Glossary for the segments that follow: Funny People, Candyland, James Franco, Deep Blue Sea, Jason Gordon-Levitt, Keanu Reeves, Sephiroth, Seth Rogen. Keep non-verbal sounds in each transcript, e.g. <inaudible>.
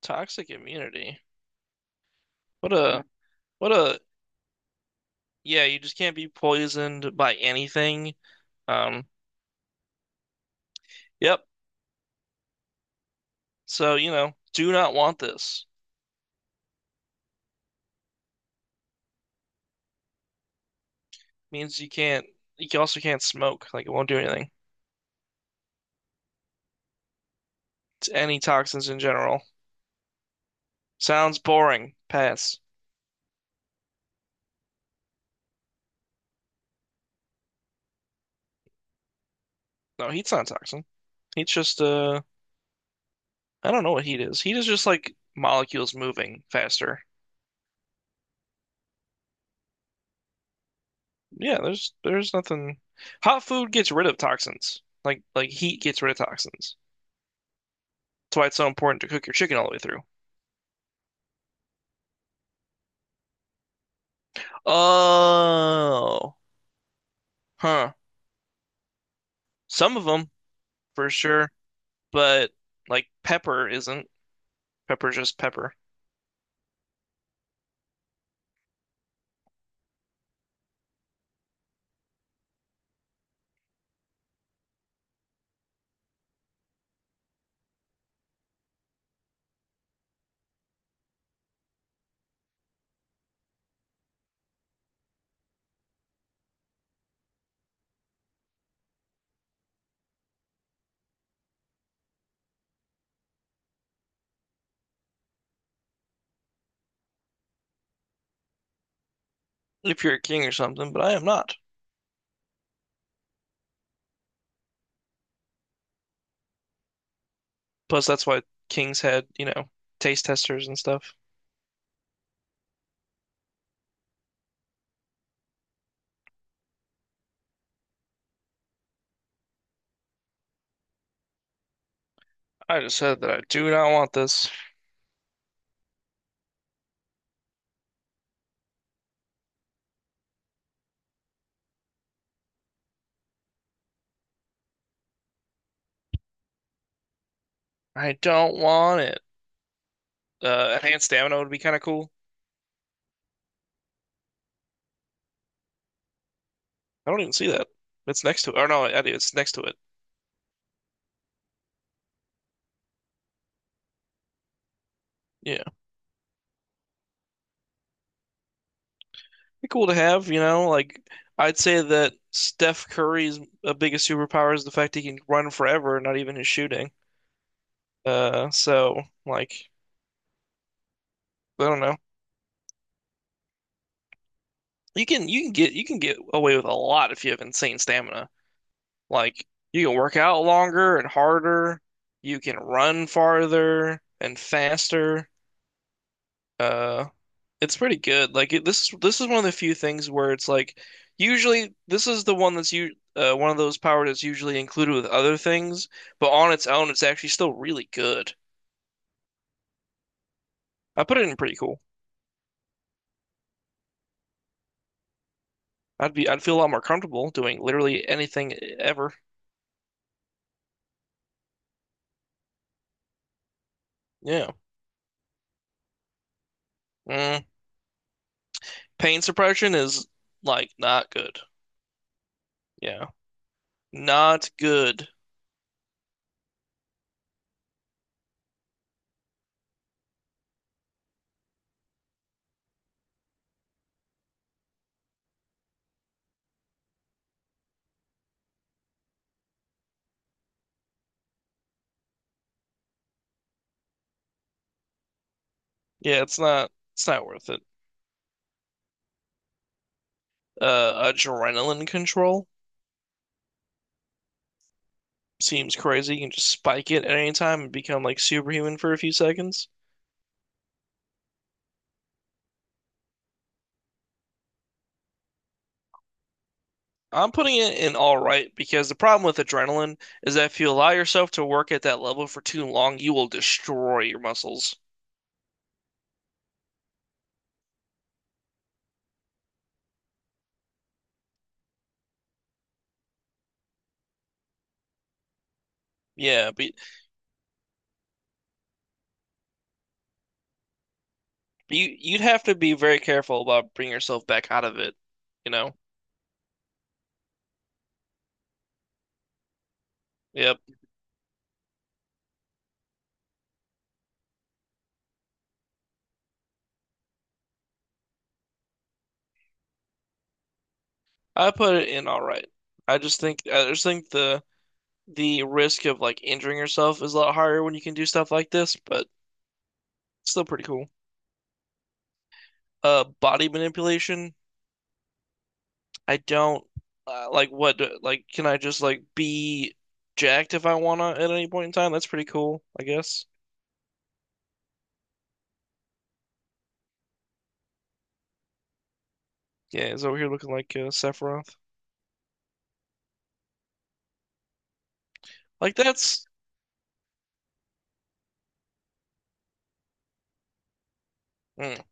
Toxic immunity. What a what a yeah, you just can't be poisoned by anything. Um, yep. So, do not want this. Means you can't also can't smoke, like it won't do anything. It's any toxins in general. Sounds boring. Pass. No, heat's not a toxin. Heat's just I don't know what heat is. Heat is just like molecules moving faster. Yeah, there's nothing. Hot food gets rid of toxins. Like heat gets rid of toxins. That's why it's so important to cook your chicken all the way through. Oh, huh. Some of them for sure, but like pepper isn't. Pepper's just pepper. If you're a king or something, but I am not. Plus, that's why kings had, taste testers and stuff. I just said that I do not want this. I don't want it. Enhanced stamina would be kind of cool. I don't even see that. It's next to it. Or no, I do. It's next to it. Yeah. Be cool to have. Like I'd say that Steph Curry's biggest superpower is the fact he can run forever, not even his shooting. Uh, so like I don't know. You can get away with a lot if you have insane stamina. Like you can work out longer and harder. You can run farther and faster. Uh, It's pretty good. Like it, this is one of the few things where it's like usually this is the one that's you one of those power that's usually included with other things, but on its own, it's actually still really good. I put it in pretty cool. I'd feel a lot more comfortable doing literally anything ever. Yeah. Mm. Pain suppression is like not good. Yeah. Not good. Yeah, it's not worth it. Adrenaline control seems crazy. You can just spike it at any time and become like superhuman for a few seconds. I'm putting it in all right because the problem with adrenaline is that if you allow yourself to work at that level for too long, you will destroy your muscles. Yeah, but you'd have to be very careful about bringing yourself back out of it, you know? Yep. I put it in all right. I just think the risk of like injuring yourself is a lot higher when you can do stuff like this, but it's still pretty cool. Body manipulation. I don't like like can I just like be jacked if I wanna at any point in time? That's pretty cool, I guess. Yeah, is over here looking like Sephiroth. Like that's mm,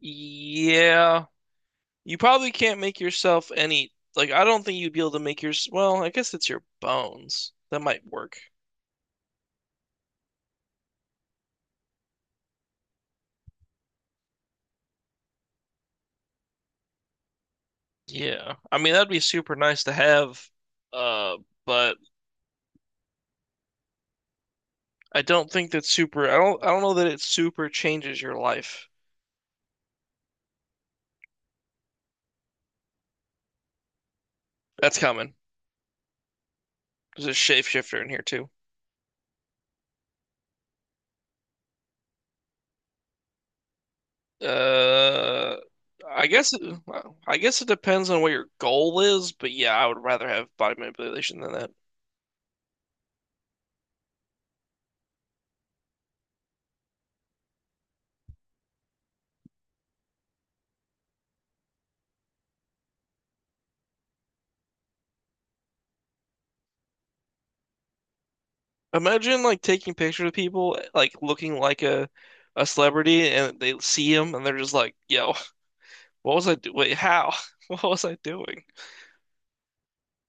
yeah. You probably can't make yourself any like I don't think you'd be able to make your well, I guess it's your bones. That might work. Yeah. I mean, that'd be super nice to have uh but I don't know that it super changes your life. That's coming. There's a shapeshifter in here too. Uh, I guess I guess it depends on what your goal is, but yeah, I would rather have body manipulation than that. Imagine like taking pictures of people like looking like a celebrity and they see him and they're just like, "Yo, what was I do? Wait, how? <laughs> What was I doing?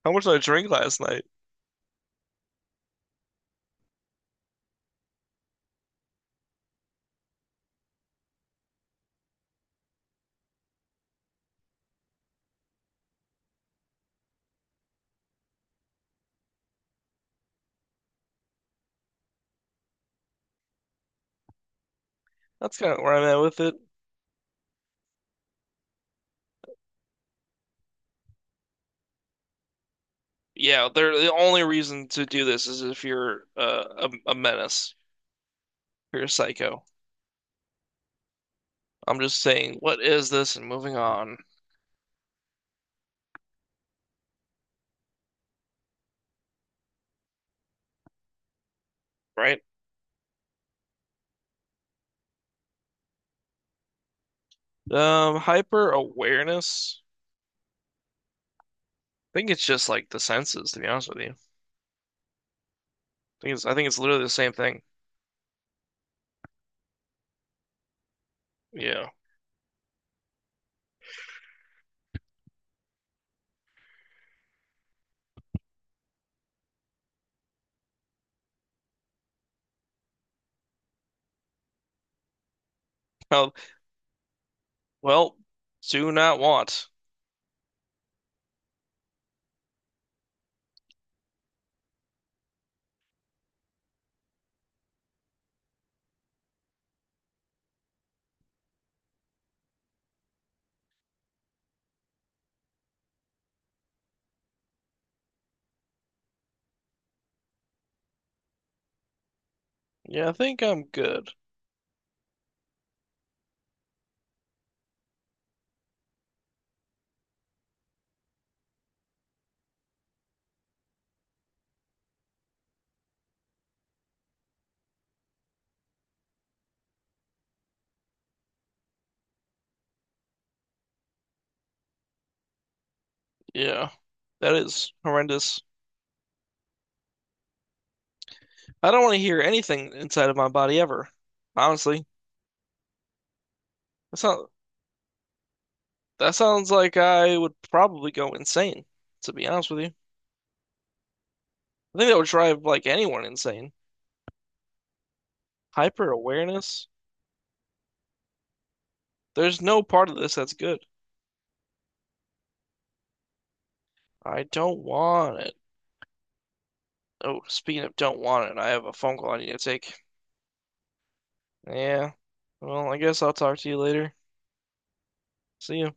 How much did I drink last night?" That's kind of where I'm at with it. Yeah, they're the only reason to do this is if you're a menace, you're a psycho. I'm just saying, what is this and moving on, right? Hyper awareness. I think it's just like the senses, to be honest with you. I think it's literally the same thing. Yeah. Well, well, do not want. Yeah, I think I'm good. Yeah. That is horrendous. I don't want to hear anything inside of my body ever. Honestly. That's not, that sounds like I would probably go insane, to be honest with you. I think that would drive like anyone insane. Hyper awareness. There's no part of this that's good. I don't want it. Oh, speaking of don't want it, I have a phone call I need to take. Yeah. Well, I guess I'll talk to you later. See you.